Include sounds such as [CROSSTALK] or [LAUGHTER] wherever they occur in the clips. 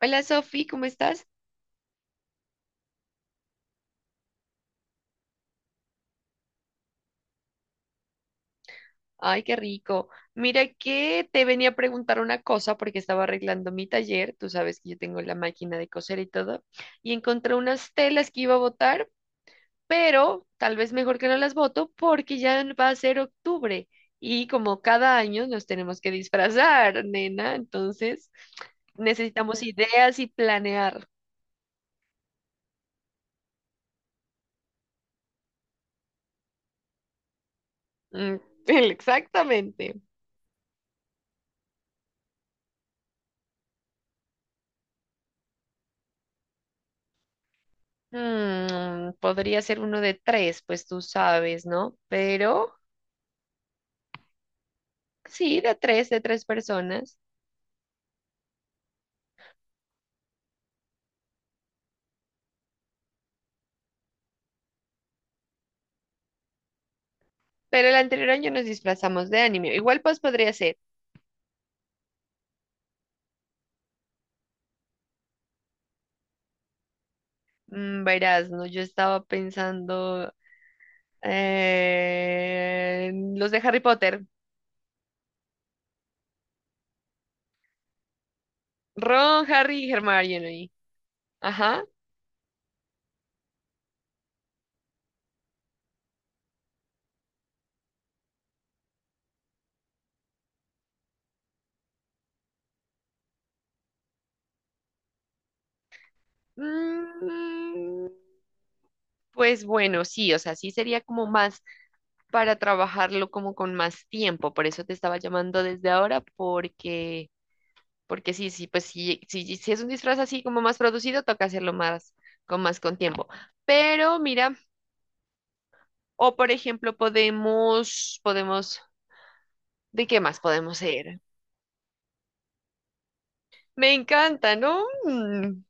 Hola Sofi, ¿cómo estás? Ay, qué rico. Mira que te venía a preguntar una cosa porque estaba arreglando mi taller, tú sabes que yo tengo la máquina de coser y todo, y encontré unas telas que iba a botar, pero tal vez mejor que no las boto porque ya va a ser octubre y como cada año nos tenemos que disfrazar, nena, entonces necesitamos ideas y planear. Mm, [LAUGHS] Exactamente. Podría ser uno de tres, pues tú sabes, ¿no? Pero... Sí, de tres personas. Pero el anterior año nos disfrazamos de anime. Igual pues podría ser. Verás, no, yo estaba pensando en los de Harry Potter. Ron, Harry y Hermione. Ajá. Mm, pues bueno, sí, o sea, sí sería como más para trabajarlo como con más tiempo. Por eso te estaba llamando desde ahora, porque porque sí, sí, pues sí, sí, si es un disfraz así como más producido, toca hacerlo más con tiempo. Pero mira, o por ejemplo, podemos, ¿de qué más podemos ser? Me encanta, ¿no?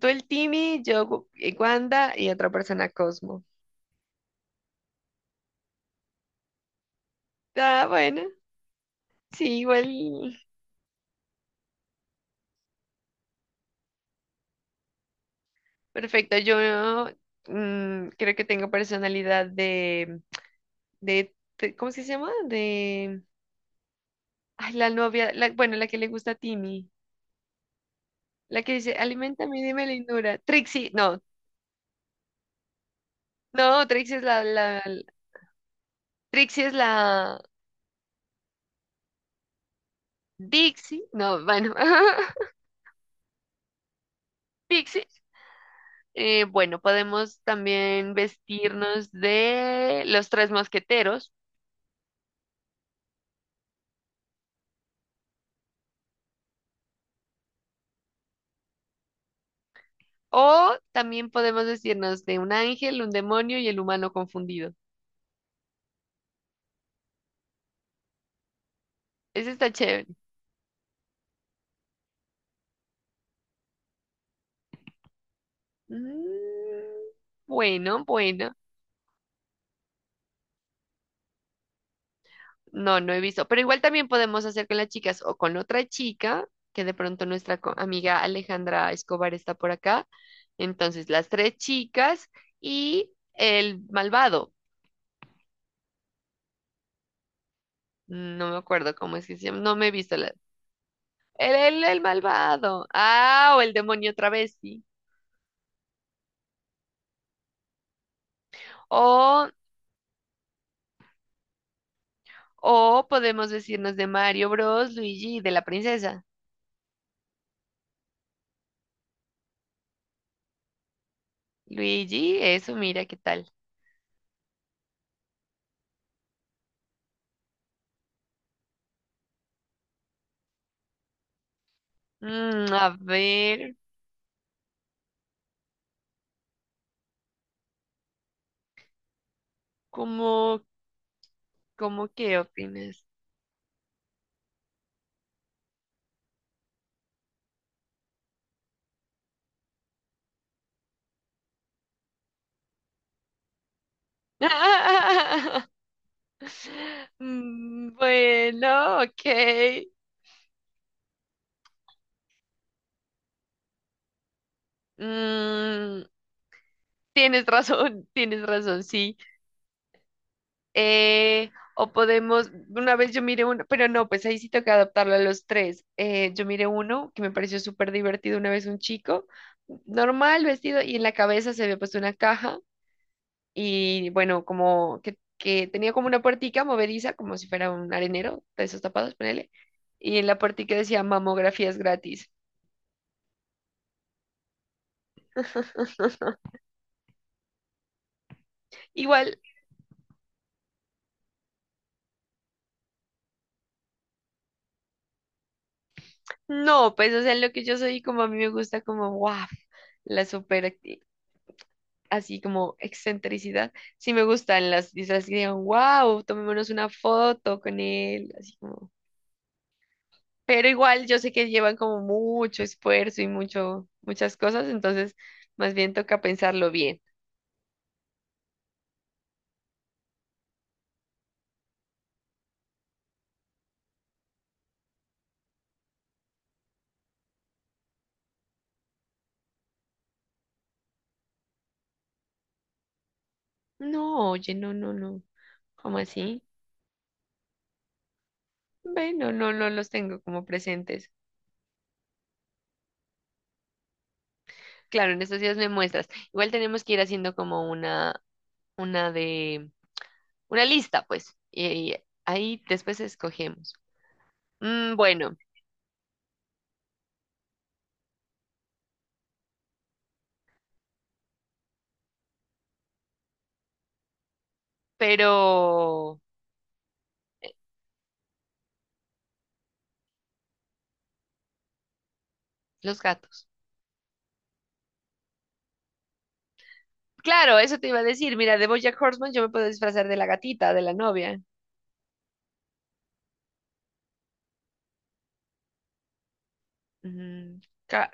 Tú el Timmy, yo Wanda y otra persona Cosmo. Ah, bueno, sí, igual. Perfecto, yo creo que tengo personalidad de, ¿cómo es que se llama? De, ay, la novia, la, bueno, la que le gusta a Timmy. La que dice, aliméntame, dime lindura. Trixie, no, no, Trixie es la, Trixie es la Dixie, no, bueno, [LAUGHS] Pixie. Bueno, podemos también vestirnos de los tres mosqueteros o también podemos vestirnos de un ángel, un demonio y el humano confundido. Ese está chévere. Mm, bueno, bueno. No, no he visto, pero igual también podemos hacer con las chicas o con otra chica, que de pronto nuestra amiga Alejandra Escobar está por acá. Entonces, las tres chicas y el malvado. No me acuerdo cómo es que se llama, no me he visto la... El malvado. Ah, o el demonio travesti. O, o podemos decirnos de Mario Bros, Luigi y de la princesa. Luigi, eso, mira qué tal. A ver, ¿cómo, ¿cómo qué opinas? [LAUGHS] Mm, bueno, ok. Mm, tienes razón, [LAUGHS] tienes razón, sí. O podemos, una vez yo miré uno, pero no, pues ahí sí toca adaptarlo a los tres. Yo miré uno que me pareció súper divertido una vez un chico, normal vestido, y en la cabeza se había puesto una caja y bueno, como que tenía como una puertica movediza, como si fuera un arenero de esos tapados, ponele. Y en la puertica decía mamografías gratis. Igual, no, pues, o sea, en lo que yo soy, como a mí me gusta como, wow, la super, así como excentricidad, sí me gustan las disfraces que digan, wow, tomémonos una foto con él, así como, pero igual yo sé que llevan como mucho esfuerzo y mucho, muchas cosas, entonces, más bien toca pensarlo bien. No, oye, no, no, no, ¿cómo así? Bueno, no, no los tengo como presentes. Claro, en estos días me muestras. Igual tenemos que ir haciendo como una de una lista, pues, y ahí después escogemos. Mm, bueno, pero los gatos. Claro, eso te iba a decir. Mira, de BoJack Horseman yo me puedo disfrazar de la gatita, de la novia. Mm, Ca-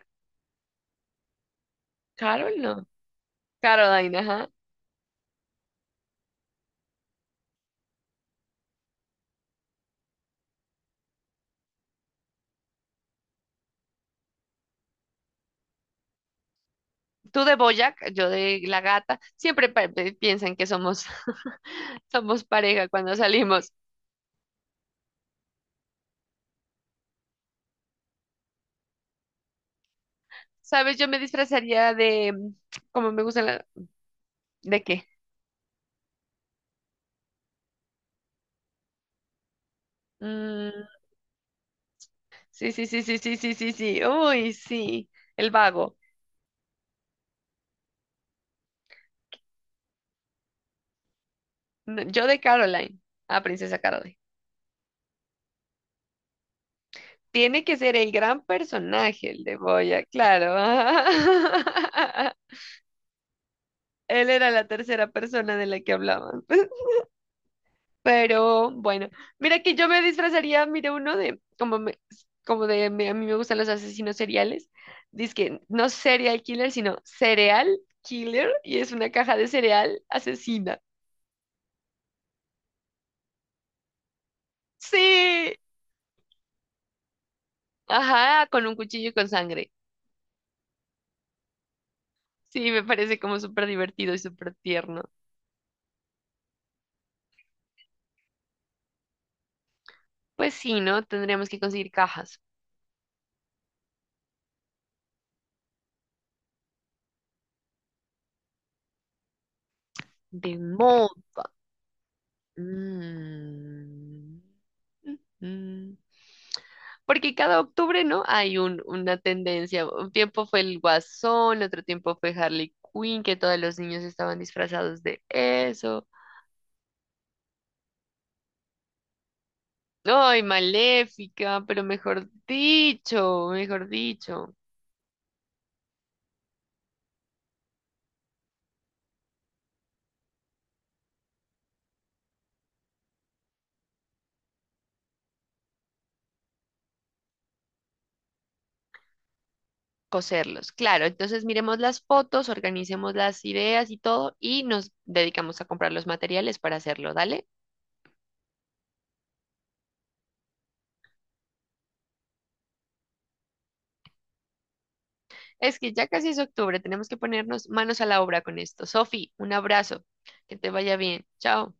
Carol, no. Caroline, ajá. Tú de BoJack, yo de la gata. Siempre piensan que somos, [LAUGHS] somos pareja cuando salimos. ¿Sabes? Yo me disfrazaría de, como me gusta la... ¿De qué? Mm, sí, sí, sí, sí, sí, sí, sí, sí. Uy, sí. El vago. No, yo de Caroline, a Princesa Caroline. Tiene que ser el gran personaje, el de Boya, claro. [LAUGHS] Él era la tercera persona de la que hablaban. [LAUGHS] Pero bueno, mira que yo me disfrazaría, mira uno de, como, a mí me gustan los asesinos seriales. Dice que no serial killer, sino cereal killer, y es una caja de cereal asesina. Sí, ajá, con un cuchillo y con sangre. Sí, me parece como súper divertido y súper tierno. Pues sí, ¿no? Tendríamos que conseguir cajas de moda. Mm. Ujú. Porque cada octubre, ¿no? Hay una tendencia. Un tiempo fue el Guasón, otro tiempo fue Harley Quinn, que todos los niños estaban disfrazados de eso. ¡Ay, Maléfica! Pero mejor dicho, coserlos. Claro, entonces miremos las fotos, organicemos las ideas y todo, y nos dedicamos a comprar los materiales para hacerlo, ¿dale? Es que ya casi es octubre, tenemos que ponernos manos a la obra con esto. Sofi, un abrazo, que te vaya bien. Chao.